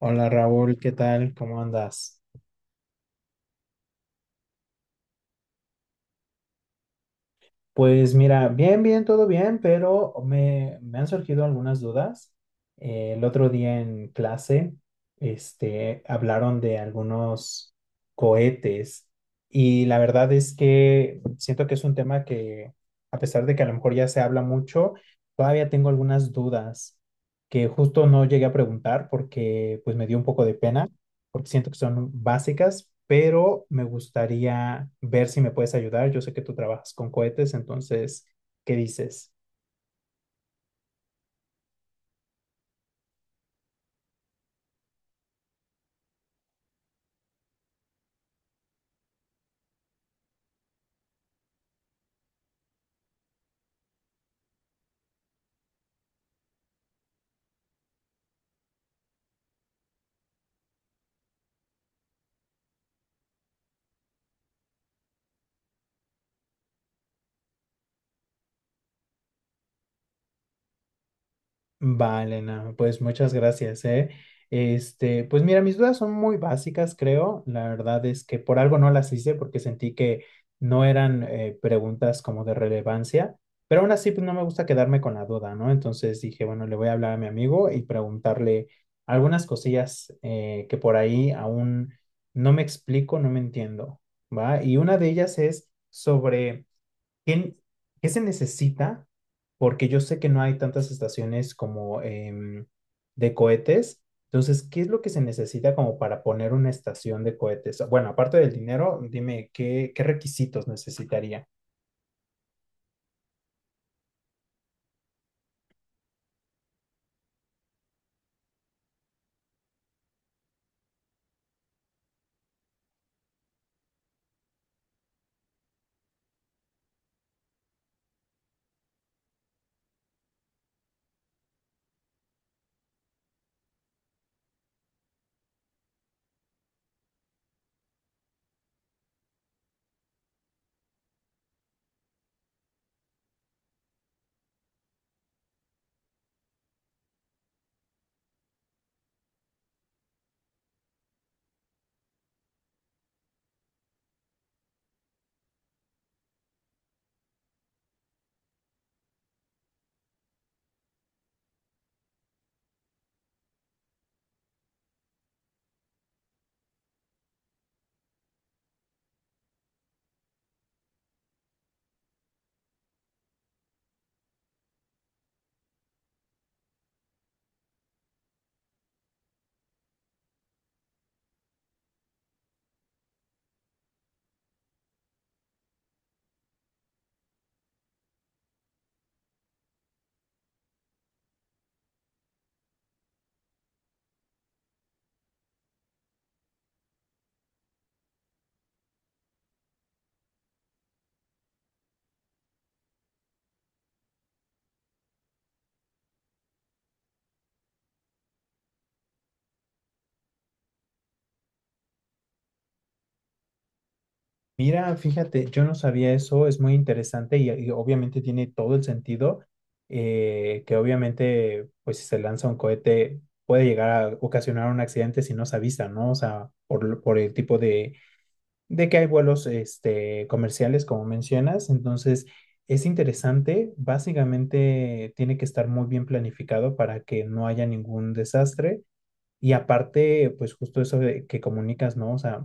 Hola Raúl, ¿qué tal? ¿Cómo andas? Pues mira, bien, bien, todo bien, pero me han surgido algunas dudas. El otro día en clase, este, hablaron de algunos cohetes y la verdad es que siento que es un tema que, a pesar de que a lo mejor ya se habla mucho, todavía tengo algunas dudas que justo no llegué a preguntar porque pues me dio un poco de pena, porque siento que son básicas, pero me gustaría ver si me puedes ayudar. Yo sé que tú trabajas con cohetes, entonces, ¿qué dices? Vale, no, pues muchas gracias, ¿eh? Este, pues mira, mis dudas son muy básicas, creo. La verdad es que por algo no las hice porque sentí que no eran preguntas como de relevancia, pero aún así pues no me gusta quedarme con la duda, ¿no? Entonces dije, bueno, le voy a hablar a mi amigo y preguntarle algunas cosillas que por ahí aún no me explico, no me entiendo, ¿va? Y una de ellas es sobre... ¿Qué, qué se necesita? Porque yo sé que no hay tantas estaciones como de cohetes. Entonces, ¿qué es lo que se necesita como para poner una estación de cohetes? Bueno, aparte del dinero, dime, ¿qué requisitos necesitaría? Mira, fíjate, yo no sabía eso, es muy interesante y obviamente tiene todo el sentido, que obviamente, pues si se lanza un cohete, puede llegar a ocasionar un accidente si no se avisa, ¿no? O sea, por, por el tipo de que hay vuelos este, comerciales, como mencionas, entonces es interesante, básicamente tiene que estar muy bien planificado para que no haya ningún desastre y aparte, pues justo eso de que comunicas, ¿no? O sea,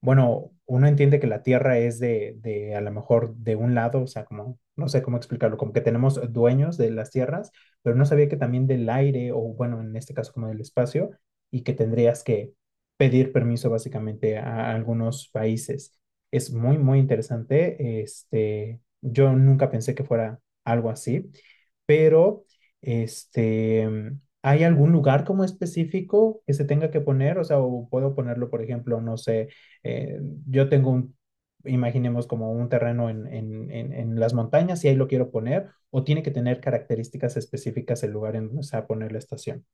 bueno, uno entiende que la Tierra es a lo mejor de un lado, o sea, como, no sé cómo explicarlo, como que tenemos dueños de las tierras, pero no sabía que también del aire, o bueno, en este caso como del espacio, y que tendrías que pedir permiso básicamente a algunos países. Es muy, muy interesante. Este, yo nunca pensé que fuera algo así, pero este, ¿hay algún lugar como específico que se tenga que poner? O sea, o puedo ponerlo, por ejemplo, no sé, eh, yo tengo un, imaginemos como un terreno en las montañas y ahí lo quiero poner, o tiene que tener características específicas el lugar en donde se va a poner la estación.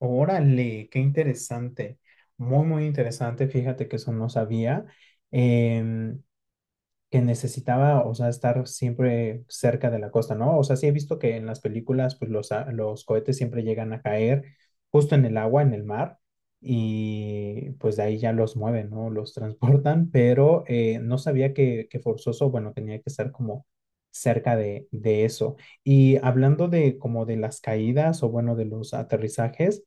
Órale, qué interesante. Muy, muy interesante. Fíjate que eso no sabía. Em, que necesitaba, o sea, estar siempre cerca de la costa, ¿no? O sea, sí he visto que en las películas, pues los, los cohetes siempre llegan a caer justo en el agua, en el mar, y pues de ahí ya los mueven, ¿no? Los transportan, pero no sabía que forzoso, bueno, tenía que estar como cerca de eso. Y hablando de como de las caídas o bueno, de los aterrizajes.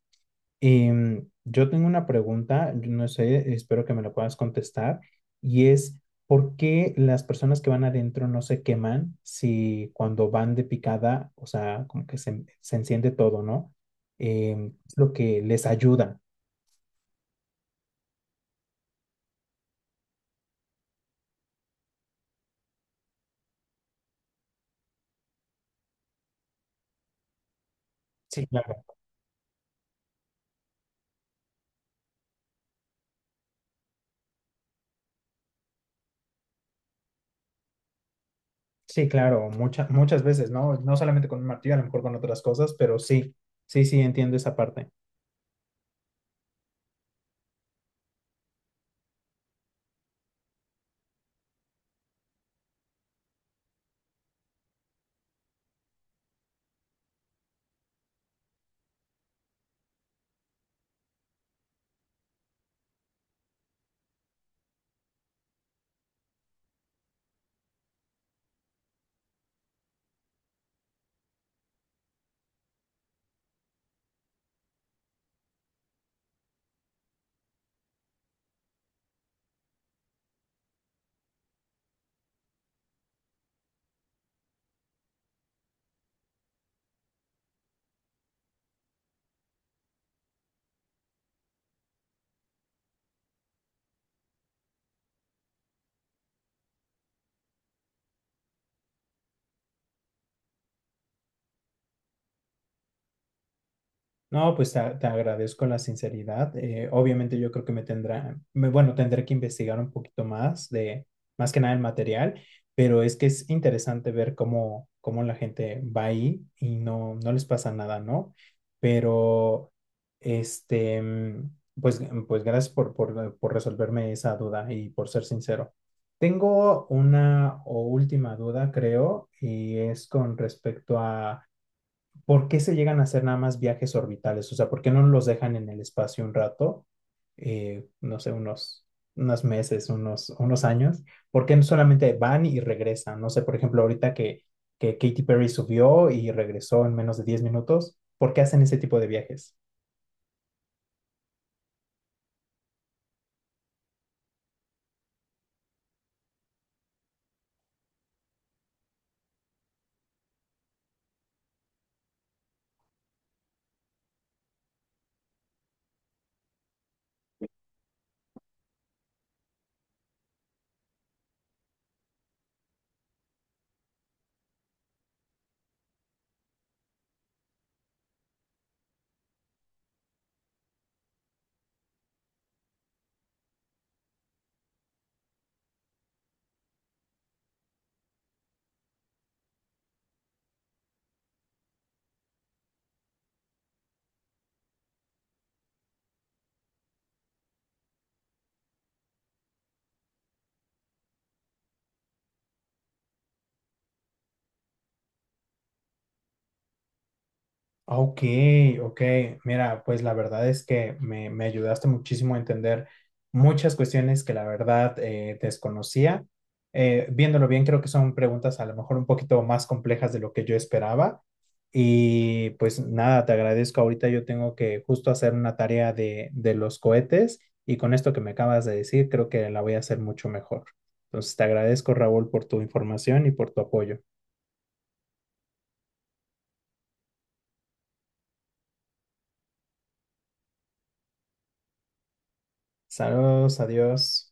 Y mm, yo tengo una pregunta, yo no sé, espero que me la puedas contestar, y es, ¿por qué las personas que van adentro no se queman si cuando van de picada? O sea, como que se enciende todo, ¿no? Es lo que les ayuda. Sí, claro, sí, claro, muchas muchas veces, ¿no? No solamente con un martillo, a lo mejor con otras cosas, pero sí, sí, sí, entiendo esa parte. No, pues te agradezco la sinceridad. Obviamente yo creo que bueno, tendré que investigar un poquito más de, más que nada el material, pero es que es interesante ver cómo, cómo la gente va ahí y no, no les pasa nada, ¿no? Pero, este, mm, pues, pues gracias por resolverme esa duda y por ser sincero. Tengo una o última duda, creo, y es con respecto a ¿por qué se llegan a hacer nada más viajes orbitales? O sea, ¿por qué no los dejan en el espacio un rato? No sé, unos, unos meses, unos, unos años. ¿Por qué no solamente van y regresan? No sé, por ejemplo, ahorita que Katy Perry subió y regresó en menos de 10 minutos, ¿por qué hacen ese tipo de viajes? Ok, ok. Mira, pues la verdad es que me ayudaste muchísimo a entender muchas cuestiones que la verdad desconocía. Viéndolo bien, creo que son preguntas a lo mejor un poquito más complejas de lo que yo esperaba. Y pues nada, te agradezco. Ahorita yo tengo que justo hacer una tarea de los cohetes y con esto que me acabas de decir, creo que la voy a hacer mucho mejor. Entonces, te agradezco, Raúl, por tu información y por tu apoyo. Saludos, adiós.